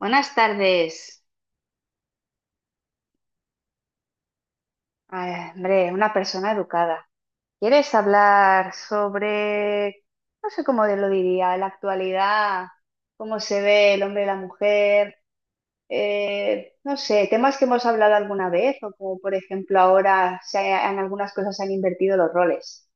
Buenas tardes. Ay, hombre, una persona educada. ¿Quieres hablar sobre, no sé cómo lo diría, la actualidad, cómo se ve el hombre y la mujer? No sé, temas que hemos hablado alguna vez o como por ejemplo ahora en algunas cosas se han invertido los roles.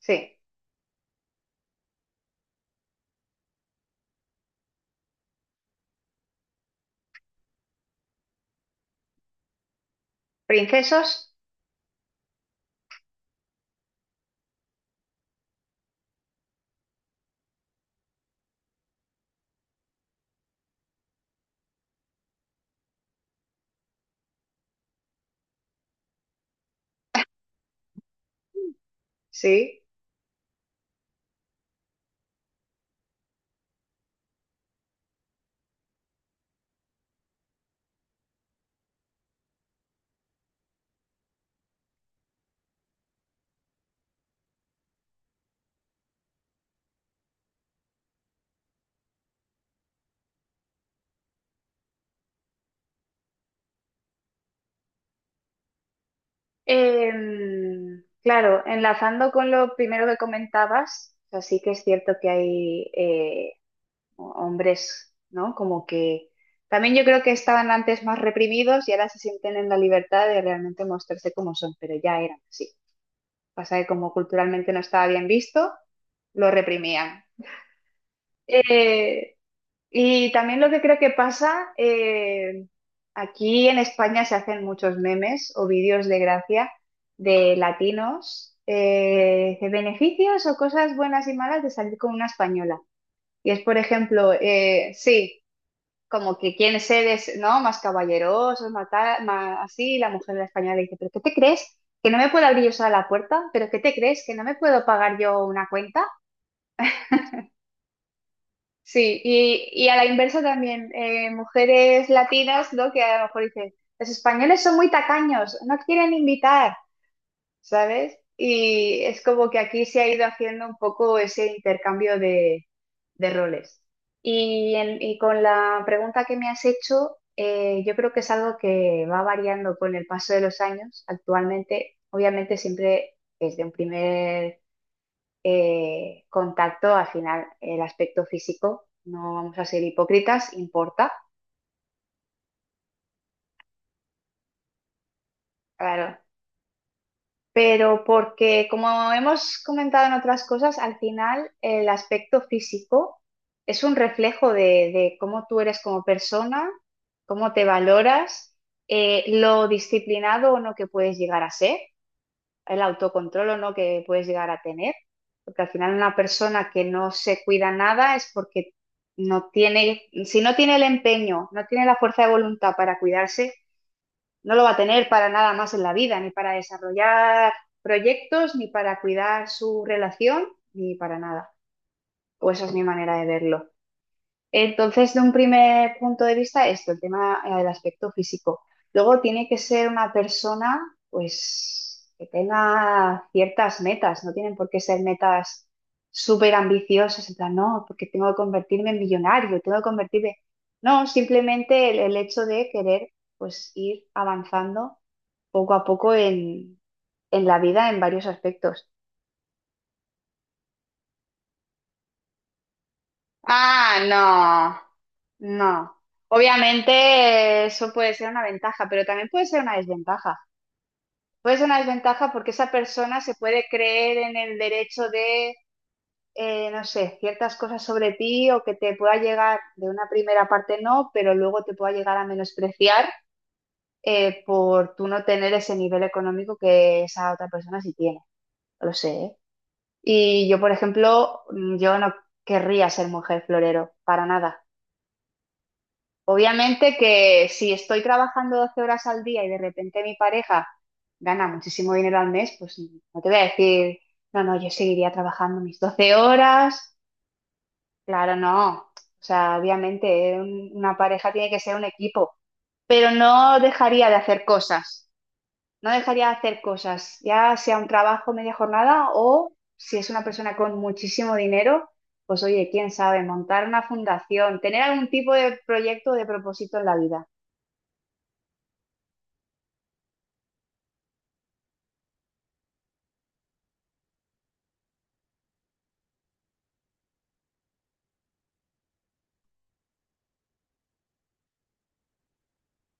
Sí. ¿Princesos? Sí. Claro, enlazando con lo primero que comentabas, o sea, sí que es cierto que hay hombres, ¿no? Como que también yo creo que estaban antes más reprimidos y ahora se sienten en la libertad de realmente mostrarse como son, pero ya eran así. Pasa que como culturalmente no estaba bien visto, lo reprimían. Eh, y también lo que creo que pasa, aquí en España se hacen muchos memes o vídeos de gracia de latinos, de beneficios o cosas buenas y malas de salir con una española. Y es, por ejemplo, sí, como que quieren ser es, ¿no? Más caballerosos, más, tal, más así, y la mujer de la española le dice, ¿pero qué te crees? ¿Que no me puedo abrir yo sola la puerta? ¿Pero qué te crees? ¿Que no me puedo pagar yo una cuenta? Sí, y a la inversa también, mujeres latinas, ¿no? Que a lo mejor dicen, los españoles son muy tacaños, no quieren invitar, ¿sabes? Y es como que aquí se ha ido haciendo un poco ese intercambio de, roles. Y con la pregunta que me has hecho, yo creo que es algo que va variando con el paso de los años. Actualmente, obviamente, siempre desde un primer contacto, al final, el aspecto físico, no vamos a ser hipócritas, importa. Claro, pero porque, como hemos comentado en otras cosas, al final el aspecto físico es un reflejo de cómo tú eres como persona, cómo te valoras, lo disciplinado o no que puedes llegar a ser, el autocontrol o no que puedes llegar a tener, porque al final una persona que no se cuida nada es porque no tiene, si no tiene el empeño, no tiene la fuerza de voluntad para cuidarse, no lo va a tener para nada más en la vida, ni para desarrollar proyectos, ni para cuidar su relación, ni para nada. O esa es mi manera de verlo. Entonces, de un primer punto de vista, esto, el tema, del aspecto físico. Luego tiene que ser una persona, pues, que tenga ciertas metas, no tienen por qué ser metas súper ambiciosas, en plan, no, porque tengo que convertirme en millonario, tengo que convertirme... No, simplemente el hecho de querer, pues, ir avanzando poco a poco en la vida en varios aspectos. Ah, no, no. Obviamente, eso puede ser una ventaja, pero también puede ser una desventaja. Puede ser una desventaja porque esa persona se puede creer en el derecho de, no sé, ciertas cosas sobre ti o que te pueda llegar, de una primera parte no, pero luego te pueda llegar a menospreciar, por tú no tener ese nivel económico que esa otra persona sí tiene. Lo sé, ¿eh? Y yo, por ejemplo, yo no querría ser mujer florero, para nada. Obviamente que si estoy trabajando 12 horas al día y de repente mi pareja gana muchísimo dinero al mes, pues no te voy a decir, no, no, yo seguiría trabajando mis 12 horas. Claro, no. O sea, obviamente una pareja tiene que ser un equipo, pero no dejaría de hacer cosas. No dejaría de hacer cosas, ya sea un trabajo media jornada o si es una persona con muchísimo dinero, pues oye, quién sabe, montar una fundación, tener algún tipo de proyecto o de propósito en la vida.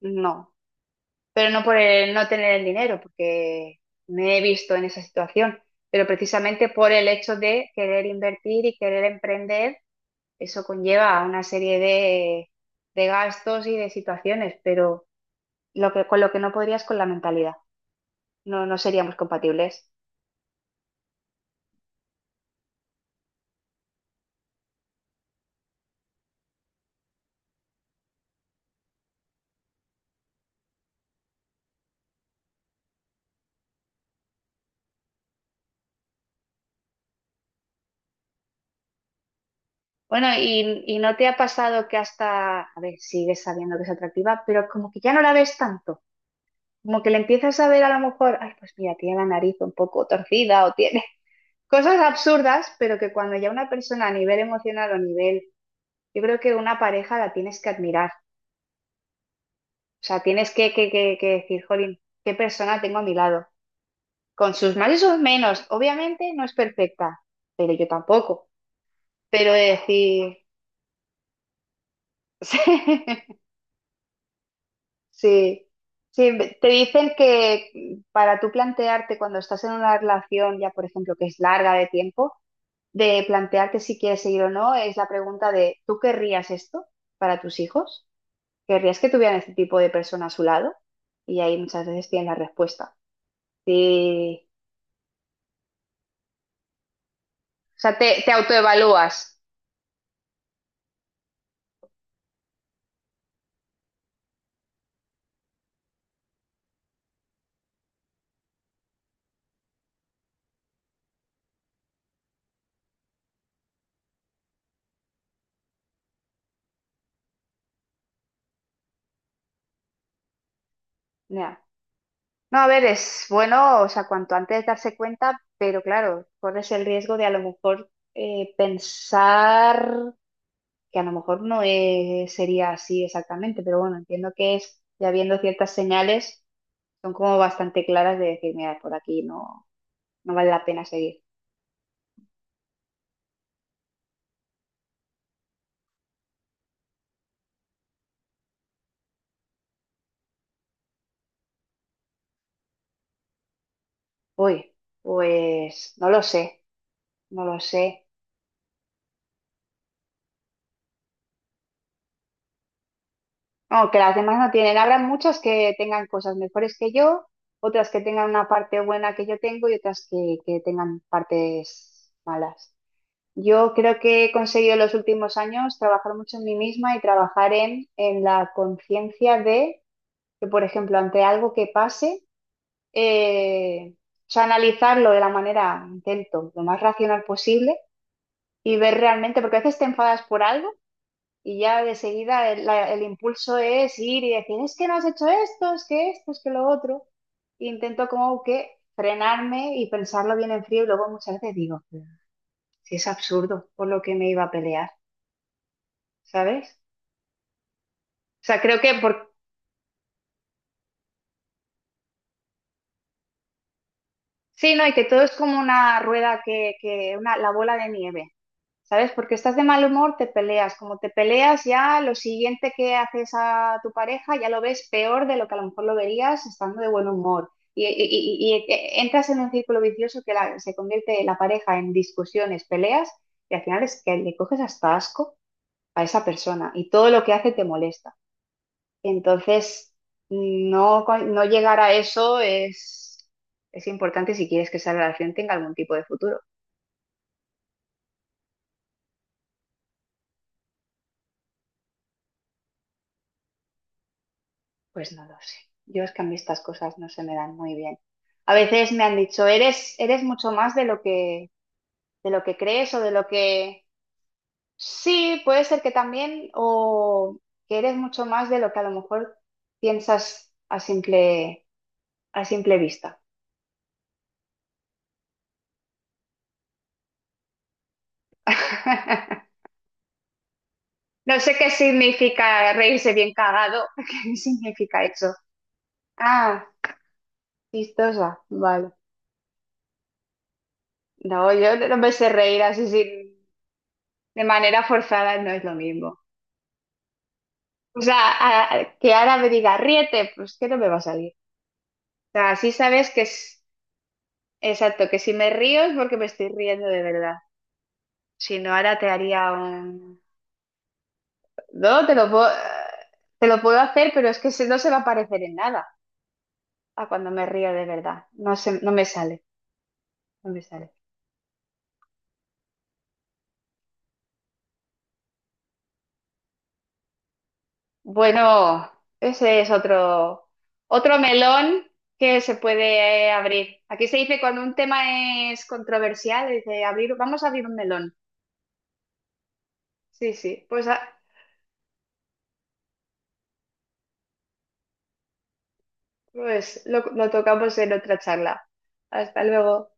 No, pero no por el no tener el dinero, porque me he visto en esa situación, pero precisamente por el hecho de querer invertir y querer emprender, eso conlleva una serie de, gastos y de situaciones, pero lo que, con lo que no podrías con la mentalidad, no, no seríamos compatibles. Bueno, y no te ha pasado que hasta, a ver, sigues sabiendo que es atractiva, pero como que ya no la ves tanto, como que le empiezas a ver a lo mejor, ay, pues mira, tiene la nariz un poco torcida o tiene cosas absurdas, pero que cuando ya una persona a nivel emocional o nivel, yo creo que una pareja la tienes que admirar, o sea, tienes que decir, jolín, qué persona tengo a mi lado, con sus más y sus menos, obviamente no es perfecta, pero yo tampoco, pero de decir... Sí, sí, te dicen que, para tú plantearte cuando estás en una relación ya, por ejemplo, que es larga de tiempo, de plantearte si quieres seguir o no, es la pregunta de, ¿tú querrías esto para tus hijos? ¿Querrías que tuvieran este tipo de persona a su lado? Y ahí muchas veces tienes la respuesta. Sí, o sea, te autoevalúas. Ya. No, a ver, es bueno, o sea, cuanto antes darse cuenta, pero claro, corres el riesgo de a lo mejor, pensar que a lo mejor no sería así exactamente, pero bueno, entiendo que es, ya viendo ciertas señales, son como bastante claras de decir, mira, por aquí no, no vale la pena seguir. Uy, pues no lo sé, no lo sé. No, que las demás no tienen. Habrá muchas que tengan cosas mejores que yo, otras que tengan una parte buena que yo tengo y otras que tengan partes malas. Yo creo que he conseguido en los últimos años trabajar mucho en mí misma y trabajar en la conciencia de que, por ejemplo, ante algo que pase, o sea, analizarlo de la manera, intento, lo más racional posible y ver realmente, porque a veces te enfadas por algo y ya de seguida el impulso es ir y decir, es que no has hecho esto, es que lo otro. E intento como que frenarme y pensarlo bien en frío y luego muchas veces digo, si es absurdo por lo que me iba a pelear, ¿sabes? O sea, creo que por... Sí, no, y que todo es como una rueda que una, la bola de nieve. ¿Sabes? Porque estás de mal humor, te peleas. Como te peleas, ya lo siguiente que haces a tu pareja ya lo ves peor de lo que a lo mejor lo verías estando de buen humor. Entras en un círculo vicioso que se convierte la pareja en discusiones, peleas, y al final es que le coges hasta asco a esa persona y todo lo que hace te molesta. Entonces, no, no llegar a eso es importante si quieres que esa relación tenga algún tipo de futuro. Pues no lo sé. Yo es que a mí estas cosas no se me dan muy bien. A veces me han dicho, eres mucho más de lo que crees o de lo que... Sí, puede ser que también, o que eres mucho más de lo que a lo mejor piensas a simple vista. No sé qué significa reírse bien cagado. ¿Qué significa eso? Ah, chistosa. Vale. No, yo no me sé reír así sin, de manera forzada, no es lo mismo. O sea, que ahora me diga, ríete, pues que no me va a salir. O sea, así sabes que es exacto, que si me río es porque me estoy riendo de verdad. Si no, ahora te haría un... No, te lo puedo hacer, pero es que no se va a parecer en nada a cuando me río de verdad. No se, no me sale, no me sale. Bueno, ese es otro, otro melón que se puede, abrir. Aquí se dice cuando un tema es controversial, dice abrir, vamos a abrir un melón. Sí, sí, pues pues lo tocamos en otra charla. Hasta luego.